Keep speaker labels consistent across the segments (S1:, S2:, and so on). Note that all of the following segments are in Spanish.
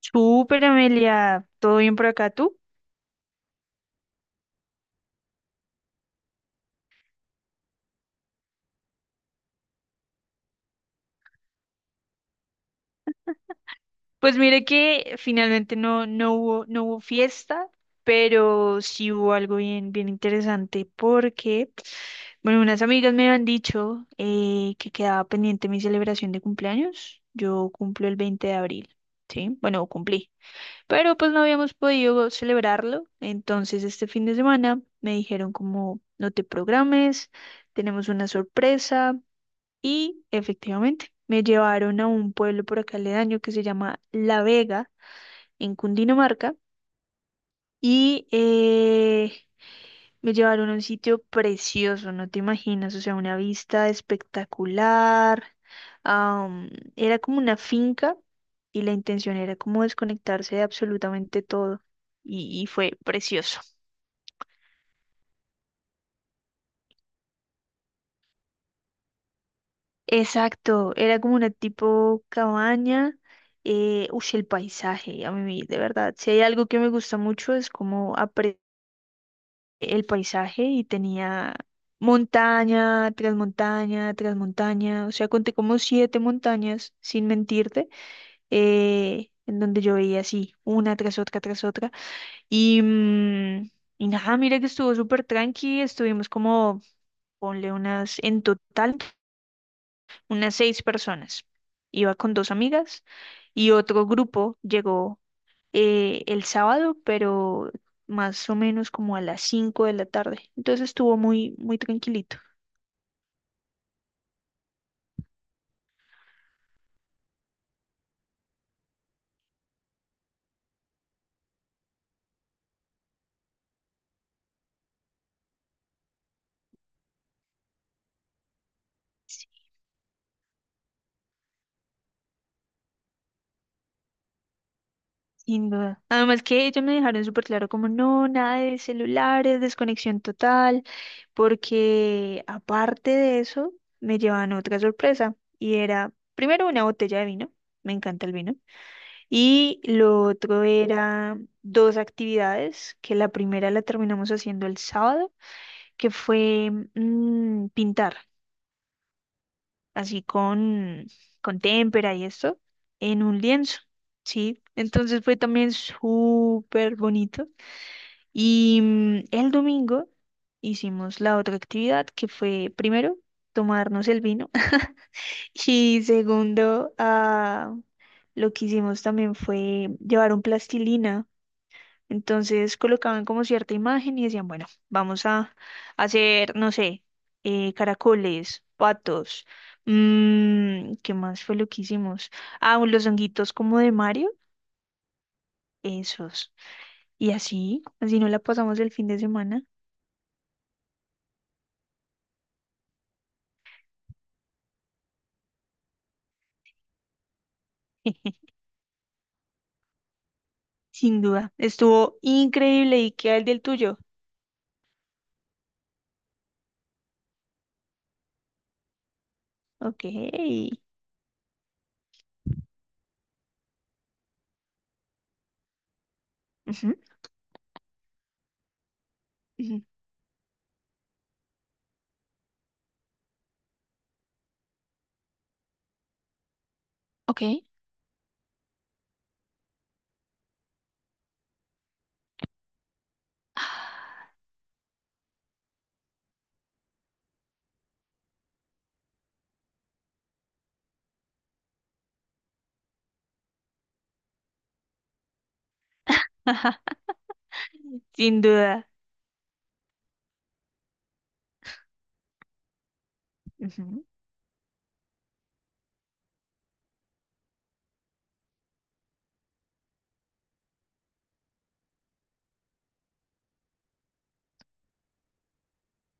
S1: Súper, Amelia, ¿todo bien por acá tú? Pues mire que finalmente no, no hubo fiesta, pero sí hubo algo bien, bien interesante porque, bueno, unas amigas me han dicho que quedaba pendiente mi celebración de cumpleaños. Yo cumplo el 20 de abril, ¿sí? Bueno, cumplí, pero pues no habíamos podido celebrarlo, entonces este fin de semana me dijeron como, no te programes, tenemos una sorpresa. Y efectivamente, me llevaron a un pueblo por acá aledaño que se llama La Vega, en Cundinamarca, y me llevaron a un sitio precioso, no te imaginas, o sea, una vista espectacular. am, Era como una finca y la intención era como desconectarse de absolutamente todo, y fue precioso. Exacto, era como una tipo cabaña. Uy, el paisaje, a mí de verdad, si hay algo que me gusta mucho es como el paisaje y tenía montaña tras montaña tras montaña, o sea, conté como siete montañas, sin mentirte, en donde yo veía así, una tras otra tras otra. Y, mm, y nada, mira que estuvo súper tranqui, estuvimos como, ponle unas en total unas seis personas. Iba con dos amigas y otro grupo llegó el sábado, pero más o menos como a las 5 de la tarde. Entonces estuvo muy, muy tranquilito. Sin duda. Además que ellos me dejaron súper claro como no, nada de celulares, desconexión total, porque aparte de eso me llevaban otra sorpresa y era primero una botella de vino, me encanta el vino, y lo otro era dos actividades, que la primera la terminamos haciendo el sábado, que fue pintar, así con témpera y esto, en un lienzo, ¿sí? Entonces fue también súper bonito. Y el domingo hicimos la otra actividad, que fue primero tomarnos el vino y segundo, lo que hicimos también fue llevar un plastilina. Entonces colocaban como cierta imagen y decían, bueno, vamos a hacer, no sé, caracoles, patos, ¿qué más fue lo que hicimos? Ah, los honguitos como de Mario, esos. Y así, así no la pasamos el fin de semana. Sin duda, estuvo increíble. ¿Y qué el del tuyo? Ok. Ujú, ujú. Ok. Ajá, sin duda. Ujú.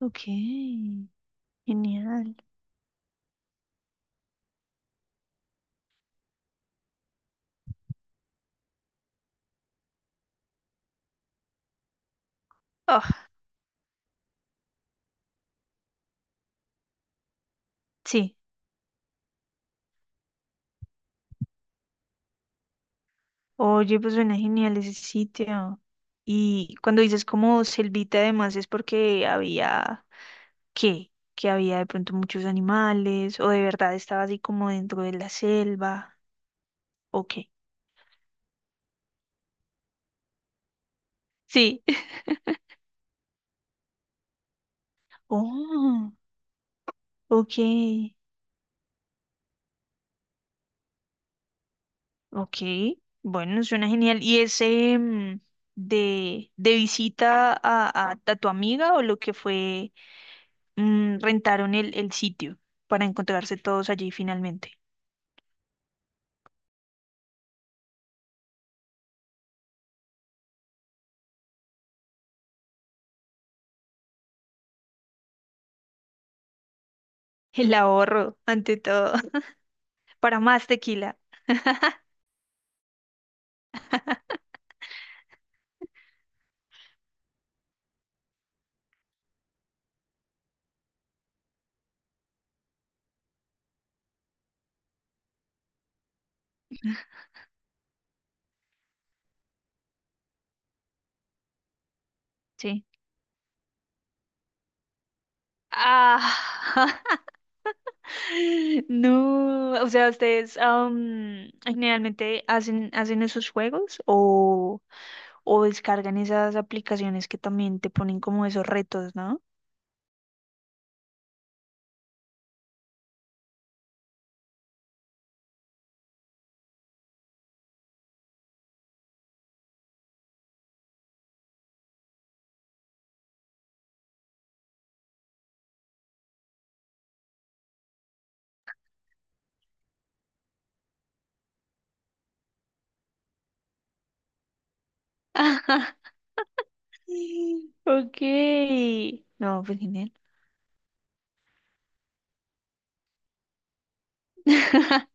S1: Ok. Genial. Oh, sí. Oye, pues suena genial ese sitio. Y cuando dices como selvita, además es porque había, ¿qué? Que había de pronto muchos animales, o de verdad estaba así como dentro de la selva, ¿o qué? Sí. Oh, ok. Ok, bueno, suena genial. ¿Y ese de visita a tu amiga o lo que fue rentaron el sitio para encontrarse todos allí finalmente? El ahorro, ante todo, para más tequila. Sí. Ah, No, o sea, ustedes generalmente hacen, hacen esos juegos o descargan esas aplicaciones que también te ponen como esos retos, ¿no? Ajá. Ok. No, pues genial.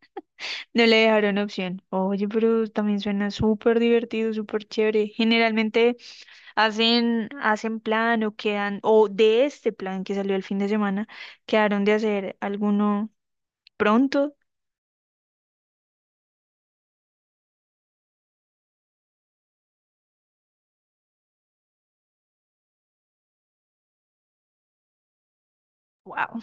S1: No le dejaron opción. Oye, pero también suena súper divertido, súper chévere. Generalmente hacen, hacen plan o quedan, o de este plan que salió el fin de semana, quedaron de hacer alguno pronto. Wow.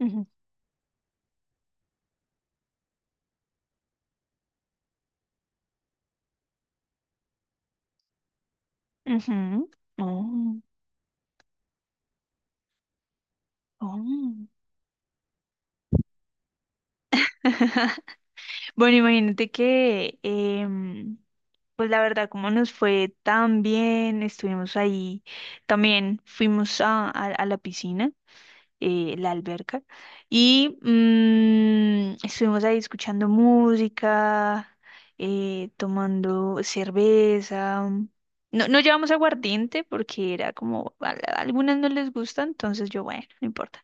S1: Ujú, ujú. Oh, oh. Bueno, imagínate que, pues la verdad, como nos fue tan bien, estuvimos ahí, también fuimos a la piscina, la alberca, y estuvimos ahí escuchando música, tomando cerveza. No, no llevamos aguardiente porque era como, a algunas no les gusta, entonces yo, bueno, no importa.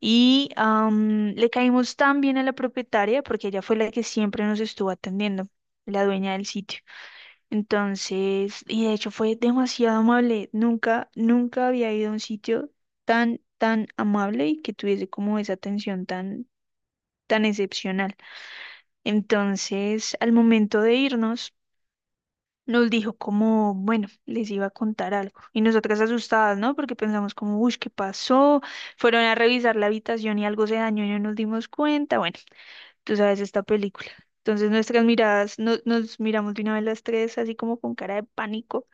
S1: Y le caímos tan bien a la propietaria porque ella fue la que siempre nos estuvo atendiendo, la dueña del sitio. Entonces, y de hecho fue demasiado amable. Nunca, nunca había ido a un sitio tan, tan amable y que tuviese como esa atención tan, tan excepcional. Entonces, al momento de irnos, nos dijo como, bueno, les iba a contar algo. Y nosotras asustadas, ¿no? Porque pensamos como, uy, ¿qué pasó? Fueron a revisar la habitación y algo se dañó y no nos dimos cuenta. Bueno, tú sabes, esta película. Entonces nuestras miradas, nos miramos de una vez las tres, así como con cara de pánico.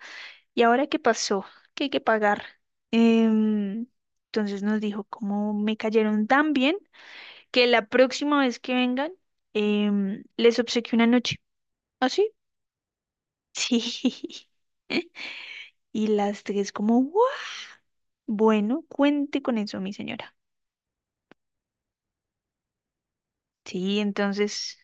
S1: ¿Y ahora qué pasó? ¿Qué hay que pagar? Em, entonces nos dijo, como me cayeron tan bien, que la próxima vez que vengan, les obsequio una noche. ¿Así? Sí. Y las tres como, "¿What?". Bueno, cuente con eso, mi señora. Sí, entonces...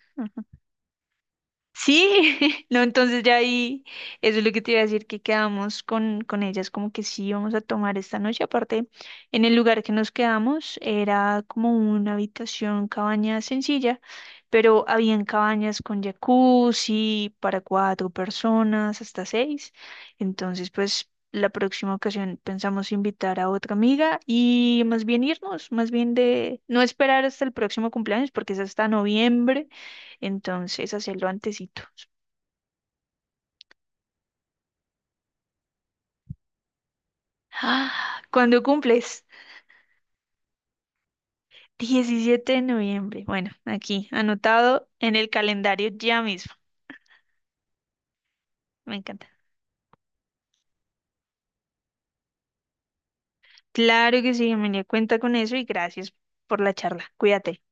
S1: Sí, no, entonces ya ahí, eso es lo que te iba a decir, que quedamos con, ellas, como que sí vamos a tomar esta noche. Aparte, en el lugar que nos quedamos era como una habitación, cabaña sencilla, pero habían cabañas con jacuzzi para cuatro personas, hasta seis. Entonces, pues la próxima ocasión pensamos invitar a otra amiga y más bien irnos, más bien de no esperar hasta el próximo cumpleaños, porque es hasta noviembre. Entonces, hacerlo antesito. ¡Ah! ¿Cuándo cumples? 17 de noviembre. Bueno, aquí, anotado en el calendario ya mismo. Me encanta. Claro que sí, Emilia, cuenta con eso y gracias por la charla. Cuídate.